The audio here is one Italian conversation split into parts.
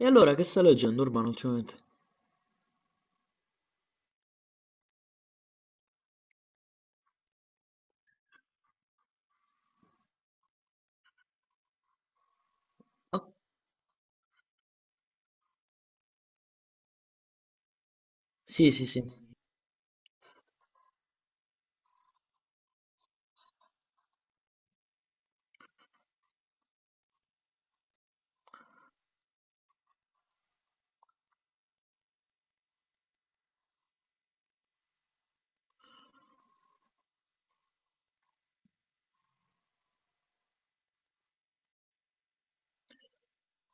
E allora che stai leggendo, Urbano, ultimamente? Oh, sì, sì, sì,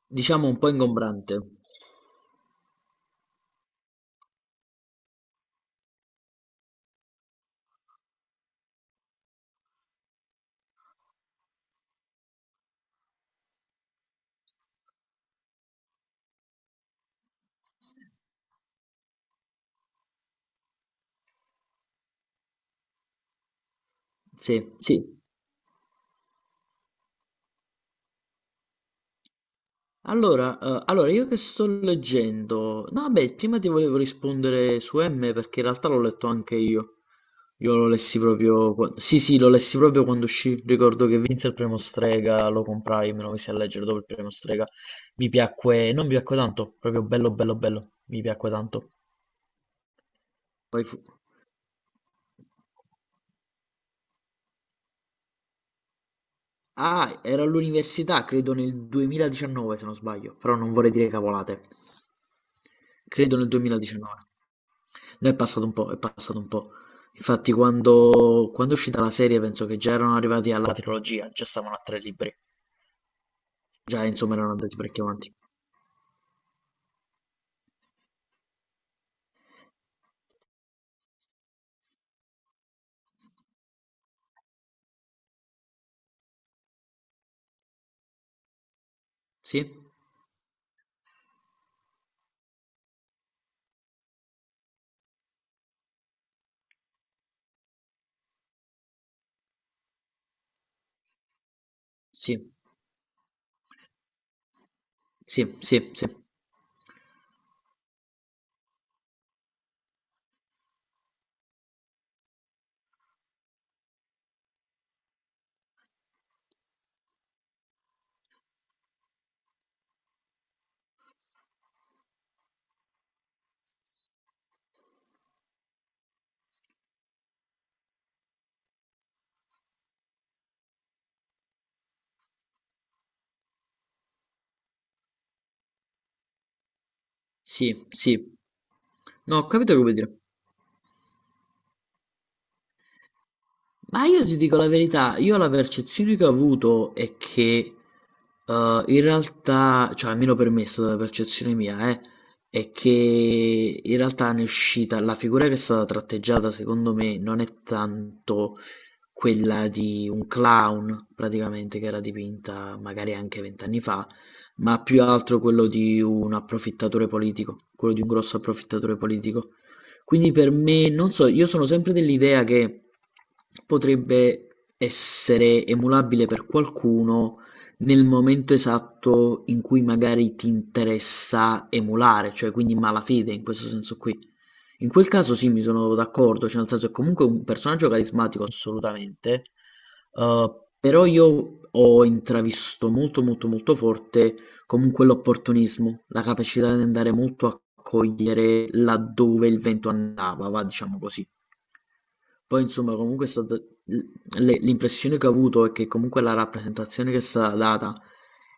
diciamo un po' ingombrante. Sì, sì. Allora, allora, io che sto leggendo... No, vabbè, prima ti volevo rispondere su M perché in realtà l'ho letto anche io. Io lo lessi proprio... Sì, sì, lo lessi proprio quando uscì. Ricordo che vinse il premio Strega, lo comprai, me lo messi a leggere dopo il premio Strega. Mi piacque... Non mi piacque tanto, proprio bello, bello, bello. Mi piacque tanto. Poi fu... Ah, ero all'università, credo nel 2019 se non sbaglio, però non vorrei dire cavolate. Credo nel 2019. No, è passato un po', è passato un po'. Infatti quando è uscita la serie penso che già erano arrivati alla trilogia, già stavano a tre libri. Già insomma erano andati parecchio avanti. Sì? Sì, sì, sì, sì, sì, sì. No, ho capito che vuoi dire. Ma io ti dico la verità, io la percezione che ho avuto è che in realtà, cioè almeno per me è stata la percezione mia, è che in realtà ne è uscita, la figura che è stata tratteggiata secondo me non è tanto quella di un clown praticamente, che era dipinta magari anche vent'anni fa, ma più altro quello di un approfittatore politico, quello di un grosso approfittatore politico. Quindi per me, non so, io sono sempre dell'idea che potrebbe essere emulabile per qualcuno nel momento esatto in cui magari ti interessa emulare, cioè quindi malafede in questo senso qui. In quel caso sì, mi sono d'accordo, cioè nel senso è comunque un personaggio carismatico assolutamente, eh, però io ho intravisto molto molto molto forte comunque l'opportunismo, la capacità di andare molto a cogliere laddove il vento andava, va diciamo così. Poi insomma comunque è stata l- le- l'impressione che ho avuto è che comunque la rappresentazione che è stata data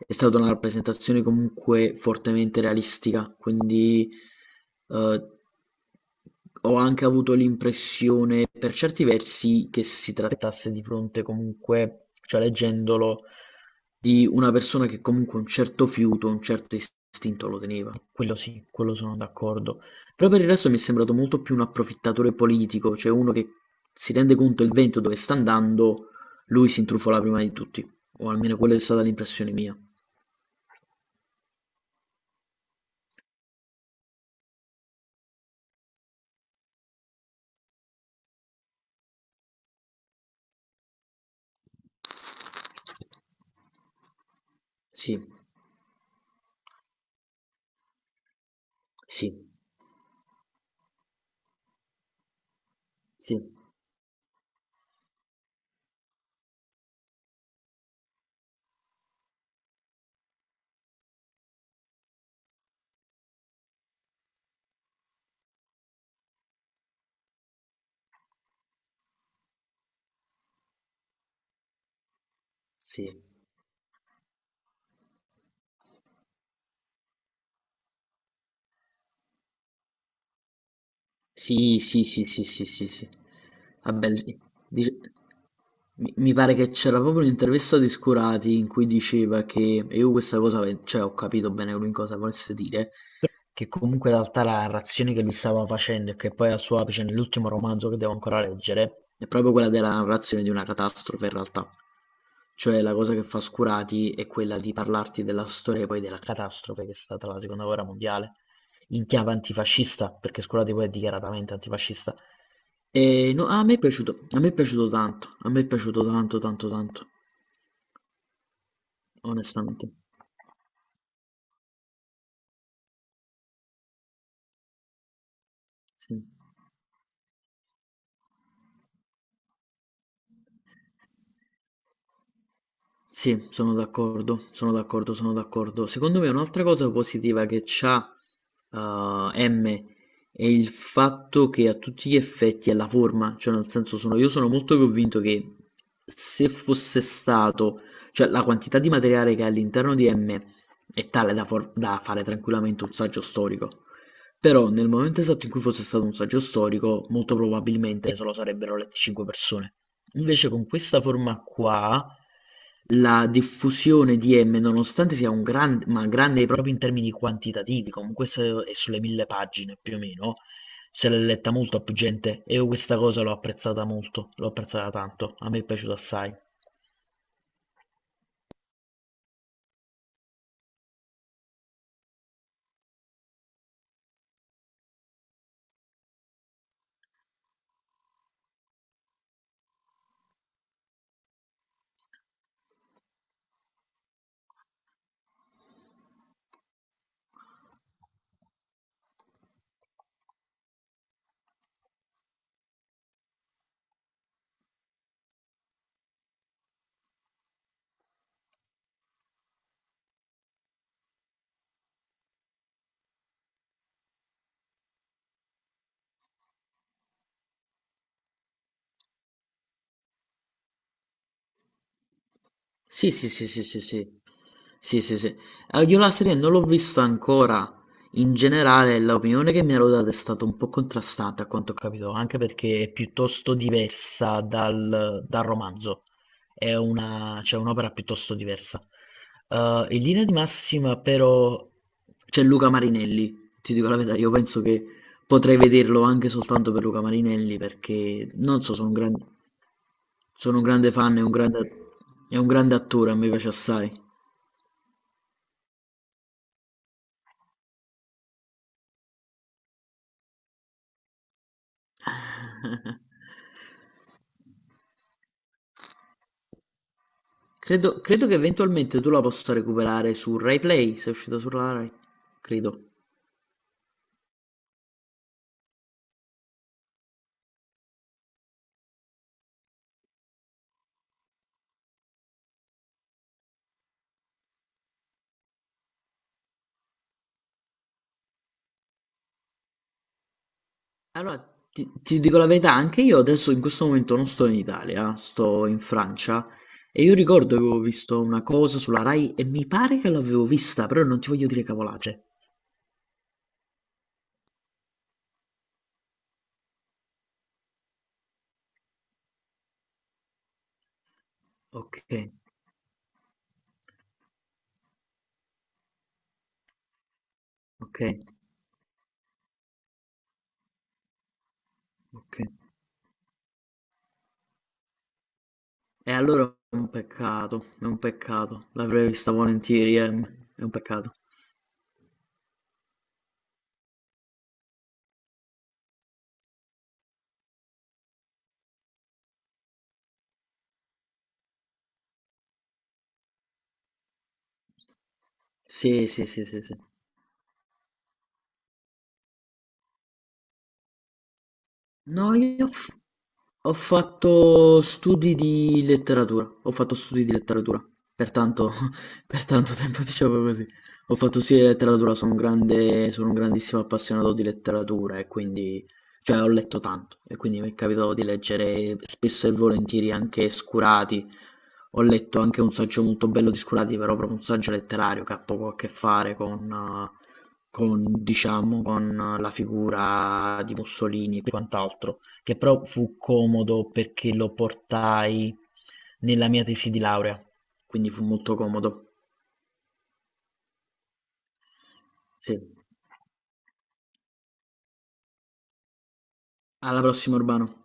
è stata una rappresentazione comunque fortemente realistica, quindi eh, ho anche avuto l'impressione per certi versi che si trattasse di fronte comunque, cioè leggendolo, di una persona che comunque un certo fiuto, un certo istinto lo teneva. Quello sì, quello sono d'accordo. Però per il resto mi è sembrato molto più un approfittatore politico, cioè uno che si rende conto il vento dove sta andando, lui si intrufola prima di tutti, o almeno quella è stata l'impressione mia. Sì, sì, sì, sì, sì, sì, sì, sì, sì, sì, sì. Vabbè, lì- dice- mi pare che c'era proprio un'intervista di Scorati in cui diceva che, e io questa cosa, cioè ho capito bene lui in cosa volesse dire, che comunque in realtà la narrazione che lui stava facendo e che poi è al suo apice nell'ultimo romanzo che devo ancora leggere, è proprio quella della narrazione di una catastrofe in realtà. Cioè la cosa che fa Scurati è quella di parlarti della storia e poi della catastrofe che è stata la seconda guerra mondiale, in chiave antifascista, perché Scurati poi è dichiaratamente antifascista. E no, a me è piaciuto, a me è piaciuto tanto, a me è piaciuto tanto, tanto, tanto, onestamente. Sì. Sì, sono d'accordo, sono d'accordo, sono d'accordo. Secondo me un'altra cosa positiva che c'ha M è il fatto che a tutti gli effetti è la forma, cioè nel senso sono, io sono molto convinto che se fosse stato, cioè la quantità di materiale che è all'interno di M è tale da, da fare tranquillamente un saggio storico. Però nel momento esatto in cui fosse stato un saggio storico, molto probabilmente se lo sarebbero lette 5 persone. Invece con questa forma qua, la diffusione di M, nonostante sia un grande, ma grande proprio in termini quantitativi, comunque è sulle 1000 pagine più o meno, se l'è letta molto a più gente e io questa cosa l'ho apprezzata molto, l'ho apprezzata tanto, a me è piaciuta assai. Sì, sì, sì, sì, sì, sì. Sì, sì, sì. Io la serie non l'ho vista ancora. In generale, l'opinione che mi hanno dato è stata un po' contrastante, a quanto ho capito, anche perché è piuttosto diversa dal romanzo. È una, cioè, un'opera piuttosto diversa. In linea di massima, però, c'è Luca Marinelli. Ti dico la verità, io penso che potrei vederlo anche soltanto per Luca Marinelli, perché non so, sono un grande. Sono un grande fan, è un grande attore, a me piace assai. Credo, credo che eventualmente tu la possa recuperare su Rai Play, se è uscita sulla Rai, credo. Allora, ti dico la verità, anche io adesso in questo momento non sto in Italia, sto in Francia e io ricordo che avevo visto una cosa sulla Rai e mi pare che l'avevo vista, però non ti voglio dire cavolate. Ok, ok, ok. E allora è un peccato, è un peccato. L'avrei vista volentieri, è un peccato. Sì, sì, sì, sì, sì. No, ho fatto studi di letteratura, ho fatto studi di letteratura, per tanto, per tanto tempo diciamo così. Ho fatto studi di letteratura, sono un grande, sono un grandissimo appassionato di letteratura e quindi, cioè ho letto tanto e quindi mi è capitato di leggere spesso e volentieri anche Scurati. Ho letto anche un saggio molto bello di Scurati, però proprio un saggio letterario che ha poco a che fare eh, con, diciamo, con la figura di Mussolini e quant'altro, che però fu comodo perché lo portai nella mia tesi di laurea, quindi fu molto comodo. Sì. Alla prossima, Urbano.